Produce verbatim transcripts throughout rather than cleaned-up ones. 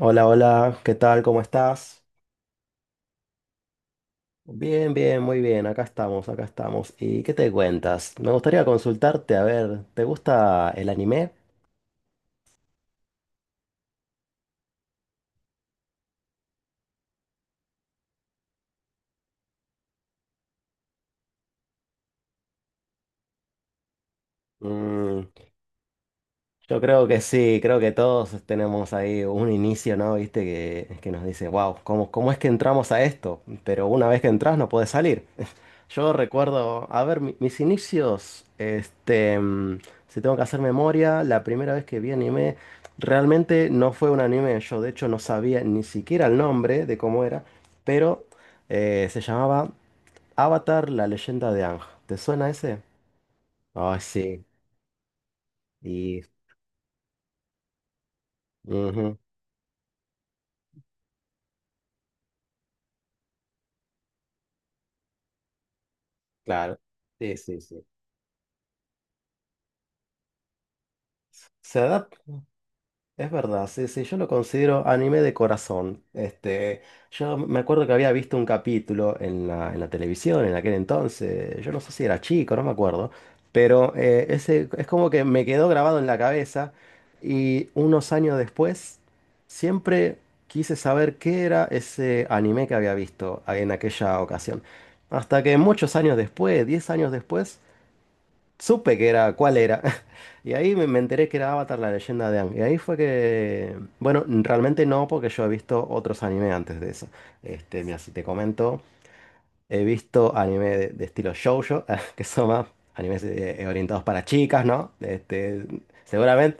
Hola, hola, ¿qué tal? ¿Cómo estás? Bien, bien, muy bien, acá estamos, acá estamos. ¿Y qué te cuentas? Me gustaría consultarte, a ver, ¿te gusta el anime? Mm, yo creo que sí, creo que todos tenemos ahí un inicio, ¿no? Viste que, que nos dice, wow, ¿cómo, cómo es que entramos a esto? Pero una vez que entras no puedes salir. Yo recuerdo, a ver, mi- mis inicios, este, mm, si tengo que hacer memoria, la primera vez que vi anime, realmente no fue un anime, yo de hecho no sabía ni siquiera el nombre de cómo era, pero eh, se llamaba Avatar, la leyenda de Aang. ¿Te suena ese? Ay, sí. Y, ujú, claro. Sí, sí, sí. Se adap Es verdad, sí, sí, yo lo considero anime de corazón. Este, yo me acuerdo que había visto un capítulo en la, en la televisión en aquel entonces, yo no sé si era chico, no me acuerdo, pero eh, ese es como que me quedó grabado en la cabeza y unos años después siempre quise saber qué era ese anime que había visto en aquella ocasión. Hasta que muchos años después, diez años después, supe que era, cuál era. Y ahí me, me enteré que era Avatar, la leyenda de Aang. Y ahí fue que, bueno, realmente no, porque yo he visto otros anime antes de eso. Este, mira, si te comento, he visto anime de, de estilo shoujo, que son más animes eh, orientados para chicas, ¿no? Este, seguramente.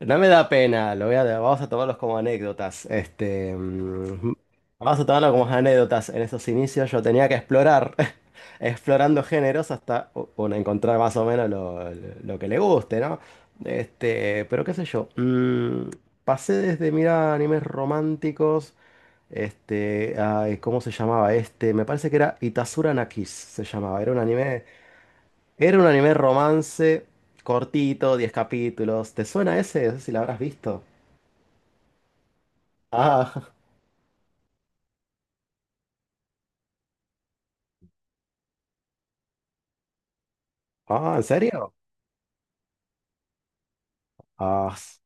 No me da pena, lo voy a, vamos a tomarlos como anécdotas. Este, mm, vamos a tomarlo como anécdotas. En esos inicios yo tenía que explorar, explorando géneros hasta u- uno encontrar más o menos lo, lo que le guste, ¿no? Este, pero qué sé yo. Mm, pasé desde mirar animes románticos. Este, ay, ¿cómo se llamaba este? Me parece que era Itasura na Kiss, se llamaba. Era un anime. Era un anime romance cortito, diez capítulos. ¿Te suena ese? No sé si lo habrás visto. Ah, ah, ¿en serio? Ah, s-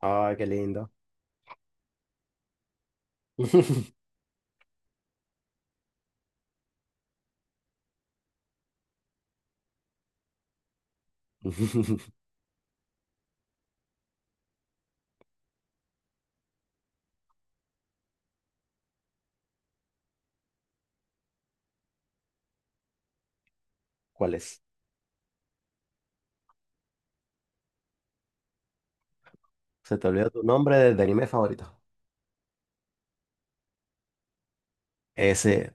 ah, qué lindo. ¿Cuál es? Se te olvidó tu nombre de, de anime favorito. Ese.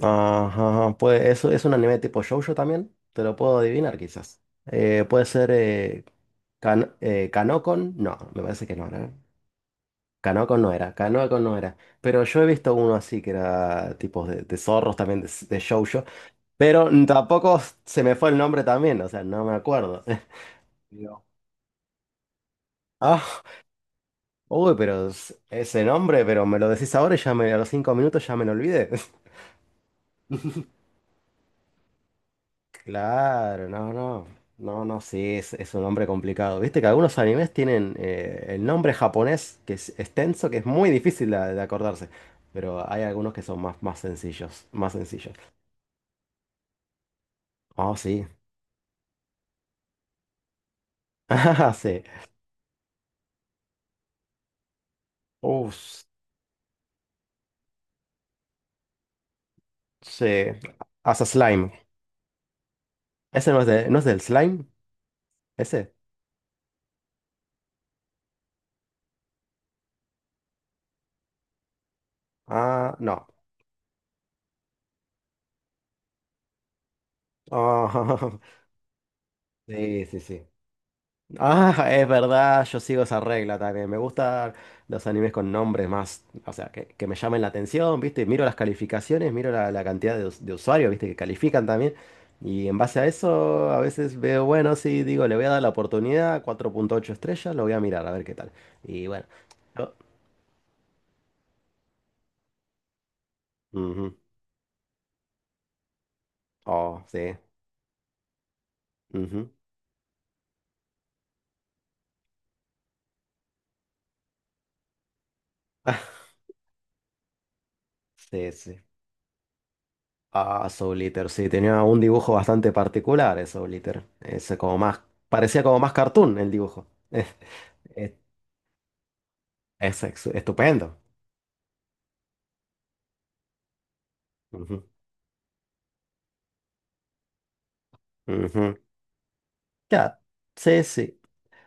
Ajá, pues eso es un anime tipo shoujo también. Te lo puedo adivinar quizás. Eh, puede ser eh, Kan- eh, Kanokon. No, me parece que no, ¿no? Canoco no era, Canoco no era. Pero yo he visto uno así que era tipos de, de zorros también, de, de shoujo. Pero tampoco se me fue el nombre también, o sea, no me acuerdo. Digo, Ah, uy, pero es- ese nombre, pero me lo decís ahora y ya me, a los cinco minutos ya me lo olvidé. Claro, no, no. No, no, sí, es, es un nombre complicado. Viste que algunos animes tienen eh, el nombre japonés que es extenso, que es muy difícil de, de acordarse. Pero hay algunos que son más, más sencillos, más sencillos. Oh, sí. Ah, sí. Uf, sí. Hasta slime. Ese no es de, no es del slime. Ese. Ah, no. Ah, sí, sí, sí. Ah, es verdad, yo sigo esa regla también. Me gustan los animes con nombres más, o sea, que, que me llamen la atención, ¿viste? Miro las calificaciones, miro la, la cantidad de, us- de usuarios, ¿viste? Que califican también. Y en base a eso, a veces veo, bueno, sí, digo, le voy a dar la oportunidad, cuatro punto ocho estrellas, lo voy a mirar, a ver qué tal. Y bueno. yo- Ujú. Oh, sí. Ujú. Sí, sí. Ah, Soul Eater, sí, tenía un dibujo bastante particular, ese Soul Eater. Ese como más, parecía como más cartoon el dibujo. Es, es- es ex- Estupendo. Ujú, ujú. Ya, sí, sí.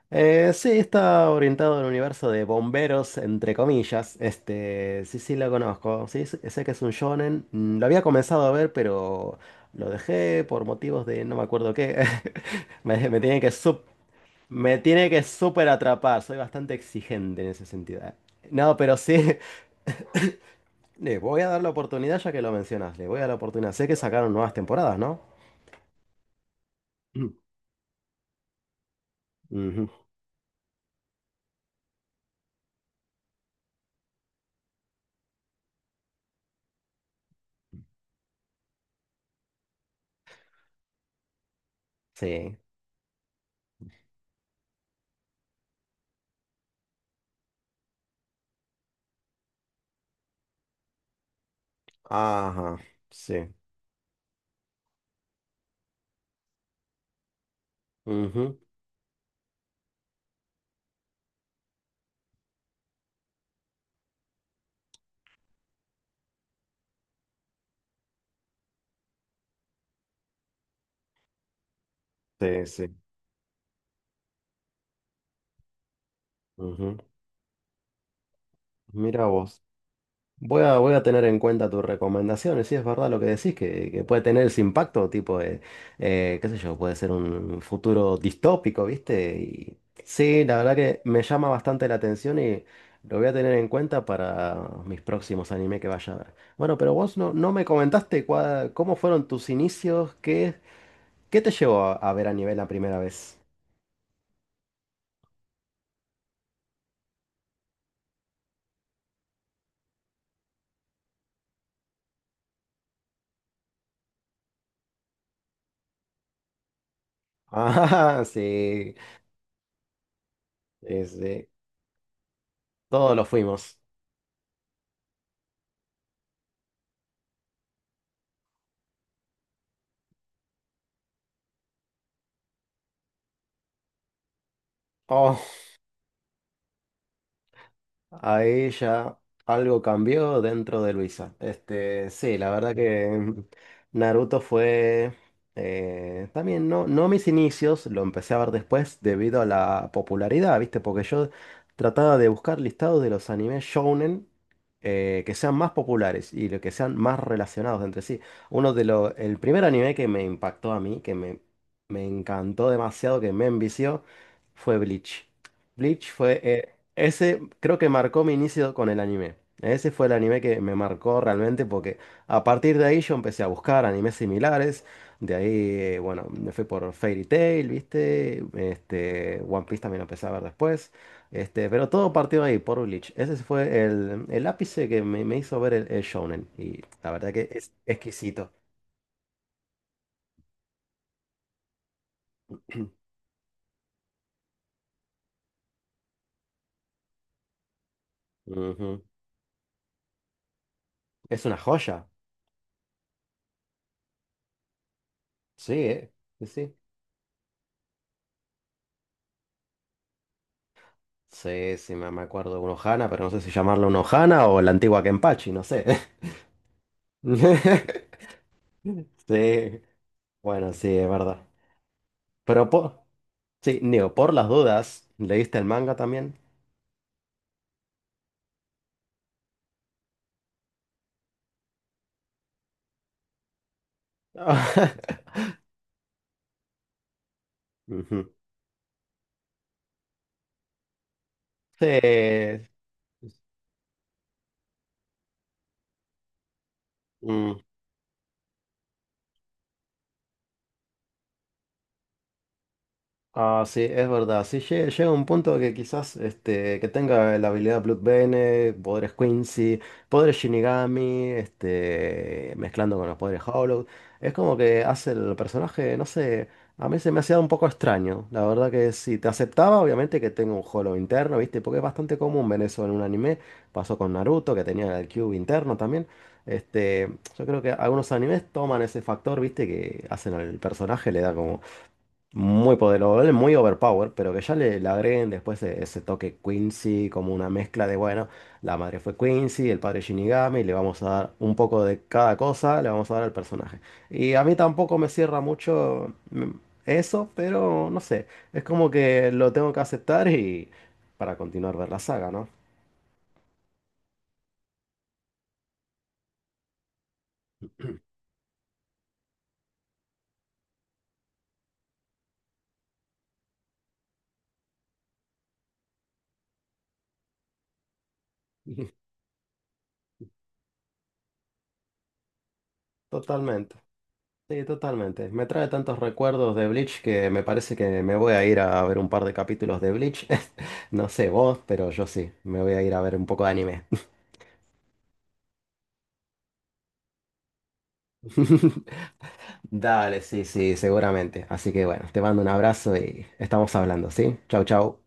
Eh, sí, está orientado al universo de bomberos, entre comillas. Este, sí, sí, lo conozco. Sí, sé sé que es un shonen. Mm, Lo había comenzado a ver, pero lo dejé por motivos de no me acuerdo qué. Me, me tienen que sub Me tiene que súper atrapar, soy bastante exigente en ese sentido. eh. No, pero sí, le voy a dar la oportunidad ya que lo mencionas, le voy a dar la oportunidad. Sé que sacaron nuevas temporadas, ¿no? Mm. Ujú, Sí. Ajá, sí. Ujú, Sí, sí. Ujú. Mira vos. Voy a, voy a tener en cuenta tus recomendaciones, si es verdad lo que decís, que, que puede tener ese impacto, tipo, de, eh, qué sé yo, puede ser un futuro distópico, ¿viste? Y sí, la verdad que me llama bastante la atención y lo voy a tener en cuenta para mis próximos anime que vaya a ver. Bueno, pero vos no, no me comentaste cua- cómo fueron tus inicios, qué, qué te llevó a, a ver anime la primera vez. Ah, sí, sí, sí, todos lo fuimos. Oh, ahí ya algo cambió dentro de Luisa. Este, sí, la verdad que Naruto fue eh, también no, no mis inicios, lo empecé a ver después debido a la popularidad, ¿viste? Porque yo trataba de buscar listados de los animes shounen eh, que sean más populares y lo que sean más relacionados entre sí. Uno de los, el primer anime que me impactó a mí, que me, me encantó demasiado, que me envició, fue Bleach. Bleach fue, eh, ese creo que marcó mi inicio con el anime. Ese fue el anime que me marcó realmente porque a partir de ahí yo empecé a buscar animes similares. De ahí, eh, bueno, me fui por Fairy Tail, ¿viste? Este, One Piece también lo empecé a ver después. Este, pero todo partió ahí, por Bleach. Ese fue el, el ápice que me, me hizo ver el, el shounen. Y la verdad que es exquisito. Ujú. Es una joya. Sí, ¿eh? Sí, sí. Sí, sí, me me acuerdo de un Ohana, pero no sé si llamarlo un Ohana o la antigua Kenpachi, no sé. Sí, bueno, sí, es verdad. Pero por, sí, Neo, por las dudas, ¿leíste el manga también? Ujú. Sí. Mm. Ah, sí, es verdad. Sí, lle- llega un punto que quizás este, que tenga la habilidad Blood Bene poderes Quincy, poderes Shinigami, este, mezclando con los poderes Hollow. Es como que hace el personaje, no sé, a mí se me hacía un poco extraño. La verdad que si te aceptaba, obviamente que tenga un Hollow interno, ¿viste? Porque es bastante común ver eso en un anime. Pasó con Naruto, que tenía el Cube interno también. Este, yo creo que algunos animes toman ese factor, ¿viste? Que hacen al personaje, le da como muy poderoso, muy overpower, pero que ya le, le agreguen después e- ese toque Quincy, como una mezcla de, bueno, la madre fue Quincy, el padre Shinigami, le vamos a dar un poco de cada cosa, le vamos a dar al personaje. Y a mí tampoco me cierra mucho mm, eso, pero no sé, es como que lo tengo que aceptar y para continuar ver la saga, ¿no? Totalmente. Sí, totalmente. Me trae tantos recuerdos de Bleach que me parece que me voy a ir a ver un par de capítulos de Bleach. No sé vos, pero yo sí, me voy a ir a ver un poco de anime. Dale, sí, sí, seguramente. Así que bueno, te mando un abrazo y estamos hablando, ¿sí? Chau, chau.